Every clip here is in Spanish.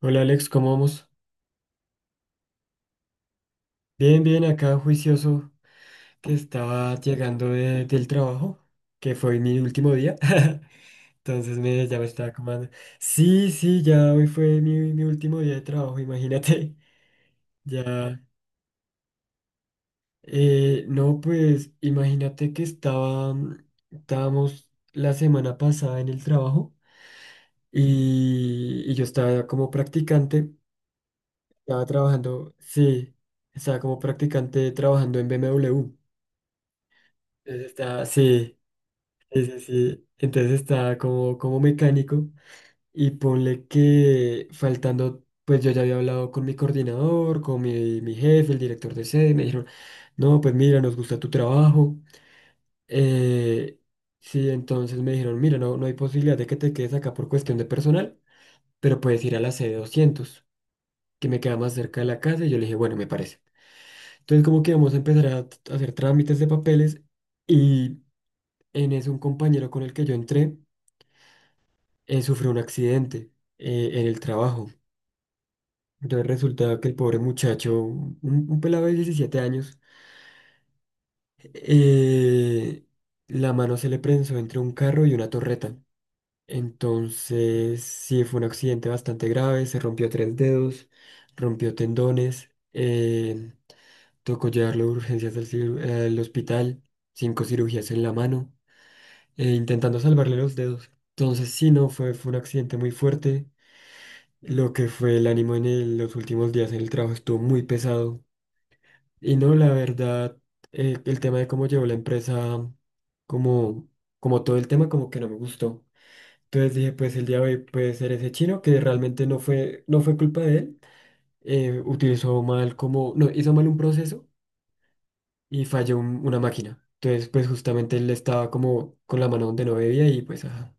Hola Alex, ¿cómo vamos? Bien, bien, acá juicioso que estaba llegando del trabajo, que fue mi último día. Ya me estaba comando. Sí, sí, ya hoy fue mi último día de trabajo, imagínate. Ya. No, pues imagínate que estaba, estábamos la semana pasada en el trabajo y yo estaba como practicante, estaba trabajando, sí, estaba como practicante trabajando en BMW. Entonces Está, sí, sí, sí, sí. Entonces está como, como mecánico y ponle que faltando, pues yo ya había hablado con mi coordinador, con mi jefe, el director de sede, y me dijeron, no, pues mira, nos gusta tu trabajo. Eh, sí, entonces me dijeron, mira, no, no hay posibilidad de que te quedes acá por cuestión de personal, pero puedes ir a la sede 200 que me queda más cerca de la casa, y yo le dije, bueno, me parece. Entonces como que vamos a empezar a a hacer trámites de papeles y en eso un compañero con el que yo entré, sufrió un accidente en el trabajo. Entonces resulta que el pobre muchacho, un pelado de 17 años, eh, la mano se le prensó entre un carro y una torreta. Entonces, sí, fue un accidente bastante grave, se rompió tres dedos, rompió tendones, tocó llevarlo de urgencias al hospital, cinco cirugías en la mano, intentando salvarle los dedos. Entonces, sí, no, fue un accidente muy fuerte. Lo que fue el ánimo en los últimos días en el trabajo estuvo muy pesado. Y no, la verdad, el tema de cómo llevó la empresa, como, como todo el tema, como que no me gustó. Entonces dije, pues el día de hoy puede ser ese chino que realmente no fue, no fue culpa de él. Utilizó mal como, no, hizo mal un proceso y falló una máquina. Entonces, pues justamente él estaba como con la mano donde no debía y pues, ajá,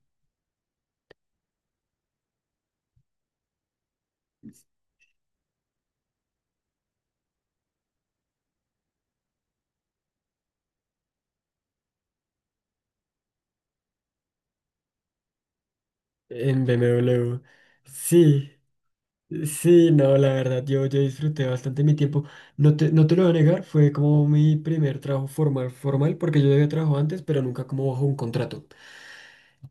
en BMW. Sí. Sí, no, la verdad, yo disfruté bastante mi tiempo. No te lo voy a negar, fue como mi primer trabajo formal, formal, porque yo había trabajado antes, pero nunca como bajo un contrato.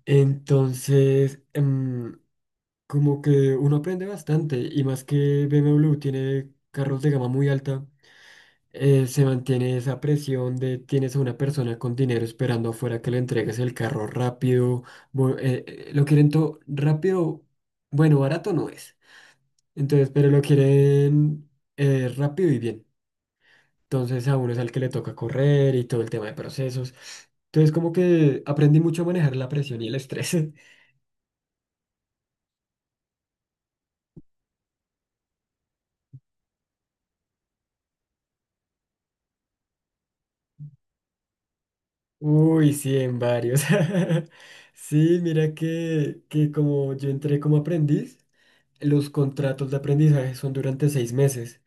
Entonces, como que uno aprende bastante, y más que BMW tiene carros de gama muy alta, se mantiene esa presión de tienes a una persona con dinero esperando afuera que le entregues el carro rápido, lo quieren todo rápido, bueno, barato no es. Entonces, pero lo quieren rápido y bien. Entonces, a uno es al que le toca correr y todo el tema de procesos. Entonces, como que aprendí mucho a manejar la presión y el estrés. Uy, sí, en varios. Sí, mira que como yo entré como aprendiz, los contratos de aprendizaje son durante seis meses,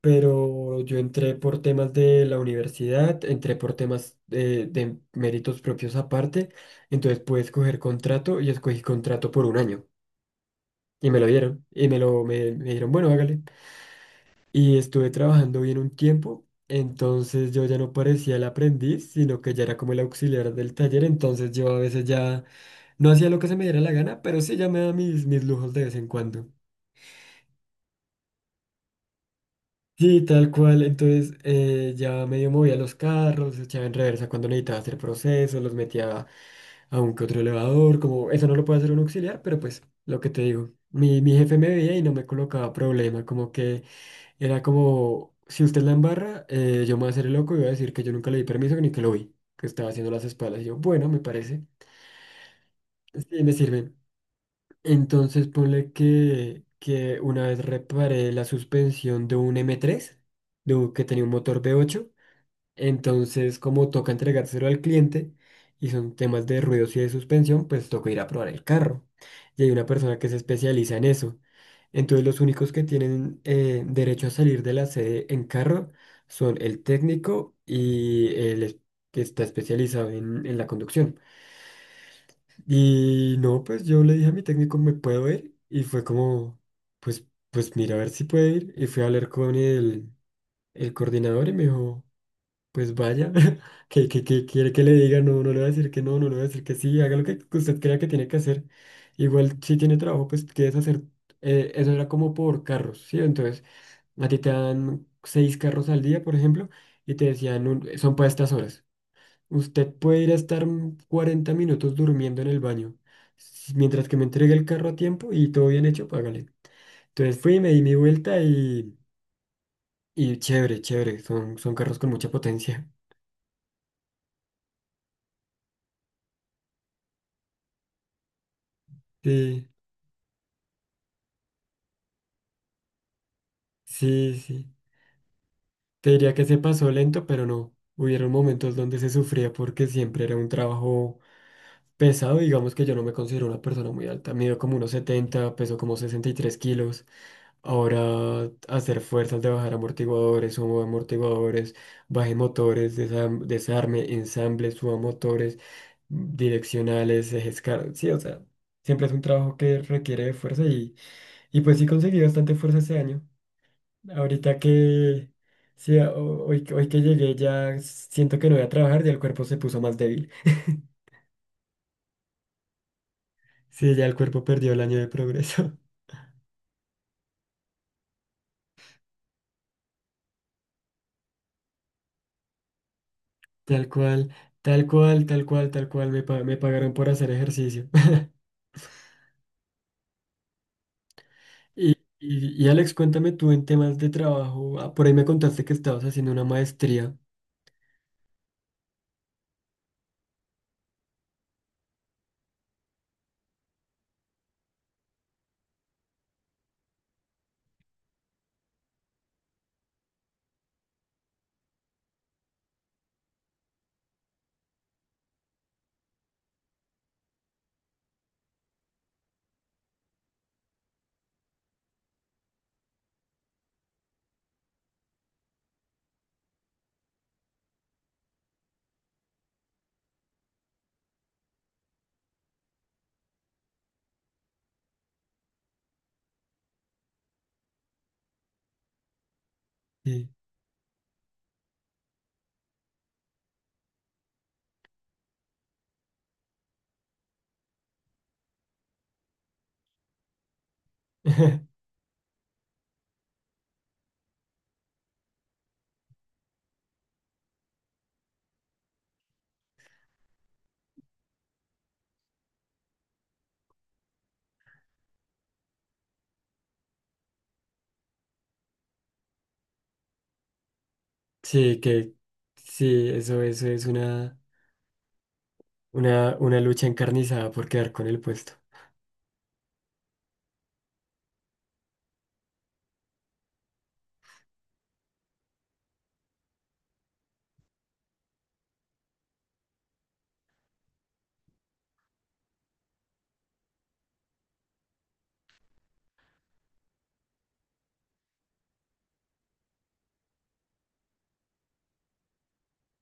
pero yo entré por temas de la universidad, entré por temas de méritos propios aparte, entonces pude escoger contrato y escogí contrato por un año. Y me lo dieron. Y me me dijeron, bueno, hágale. Y estuve trabajando bien un tiempo. Entonces yo ya no parecía el aprendiz, sino que ya era como el auxiliar del taller. Entonces yo a veces ya no hacía lo que se me diera la gana, pero sí ya me daba mis lujos de vez en cuando. Sí, tal cual. Entonces ya medio movía los carros, echaba en reversa cuando necesitaba hacer procesos, los metía a un que otro elevador. Como eso no lo puede hacer un auxiliar, pero pues lo que te digo. Mi jefe me veía y no me colocaba problema, como que era como, si usted la embarra, yo me voy a hacer el loco y voy a decir que yo nunca le di permiso, que ni que lo vi, que estaba haciendo las espaldas. Y yo, bueno, me parece, sí, me sirve. Entonces ponle que una vez reparé la suspensión de un m tres de que tenía un motor v ocho, entonces, como toca entregárselo al cliente y son temas de ruidos y de suspensión, pues toca ir a probar el carro. Y hay una persona que se especializa en eso. Entonces, los únicos que tienen derecho a salir de la sede en carro son el técnico y que está especializado en la conducción. Y no, pues yo le dije a mi técnico, ¿me puedo ir? Y fue como, pues, pues mira, a ver si puede ir. Y fui a hablar con el coordinador y me dijo... Pues vaya, que quiere que le diga, no, no le va a decir que no, no le va a decir que sí, haga lo que usted crea que tiene que hacer. Igual si tiene trabajo, pues quieres hacer, eso era como por carros, ¿sí? Entonces, a ti te dan seis carros al día, por ejemplo, y te decían, son para estas horas. Usted puede ir a estar 40 minutos durmiendo en el baño, mientras que me entregue el carro a tiempo y todo bien hecho, págale. Entonces fui, me di mi vuelta y chévere, chévere, son carros con mucha potencia. Sí. Sí, sí. Te diría que se pasó lento, pero no. Hubieron momentos donde se sufría porque siempre era un trabajo pesado. Digamos que yo no me considero una persona muy alta. Mido como unos 70, peso como 63 kilos. Ahora hacer fuerzas de bajar amortiguadores, subo amortiguadores, baje motores, desarme, ensamble, suba motores, direccionales, sí, o sea, siempre es un trabajo que requiere de fuerza y pues sí conseguí bastante fuerza este año. Ahorita que sí, hoy que llegué ya siento que no voy a trabajar, ya el cuerpo se puso más débil. Sí, ya el cuerpo perdió el año de progreso. Tal cual, tal cual, tal cual, tal cual, me pagaron por hacer ejercicio. Y, y Alex, cuéntame tú en temas de trabajo. Ah, por ahí me contaste que estabas haciendo una maestría. Sí, sí, que sí, eso es una, una lucha encarnizada por quedar con el puesto.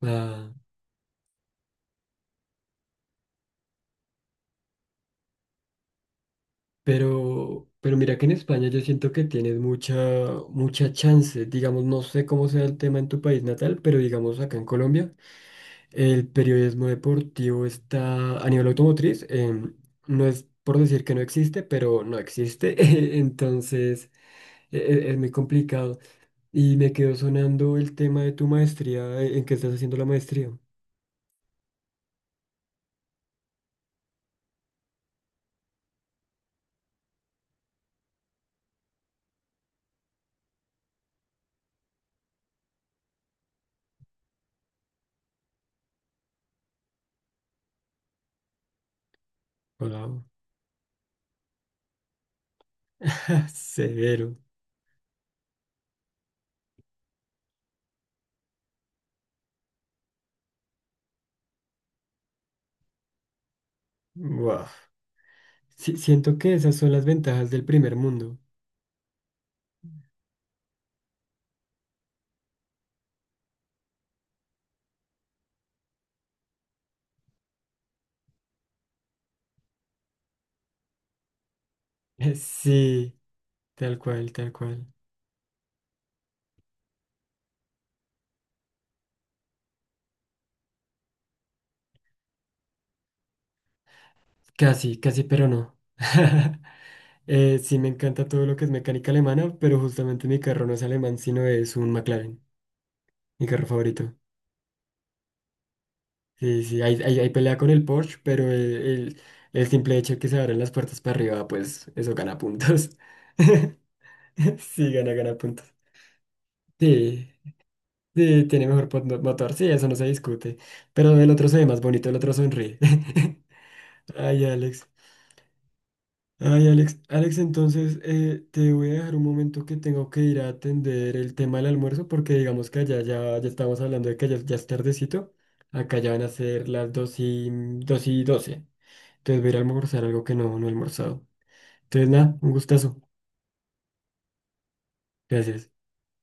Ah, pero mira que en España yo siento que tienes mucha, mucha chance. Digamos, no sé cómo sea el tema en tu país natal, pero digamos acá en Colombia, el periodismo deportivo está a nivel automotriz. No es por decir que no existe, pero no existe. Entonces, es muy complicado. Y me quedó sonando el tema de tu maestría. ¿En qué estás haciendo la maestría? Wow. Severo. Wow. Sí, siento que esas son las ventajas del primer mundo. Sí, tal cual, tal cual. Casi, casi, pero no. Sí, me encanta todo lo que es mecánica alemana, pero justamente mi carro no es alemán, sino es un McLaren, mi carro favorito. Sí, sí, hay pelea con el Porsche, pero el simple hecho de que se abran las puertas para arriba, pues eso gana puntos. Sí, gana puntos. Sí, sí, tiene mejor motor, sí, eso no se discute. Pero el otro se ve más bonito, el otro sonríe. Ay, Alex. Ay, Alex, entonces te voy a dejar un momento que tengo que ir a atender el tema del almuerzo porque digamos que allá ya, ya estamos hablando de que ya, ya es tardecito. Acá ya van a ser las 2 y 12. Entonces voy a ir a almorzar algo que no, no he almorzado. Entonces nada, un gustazo. Gracias.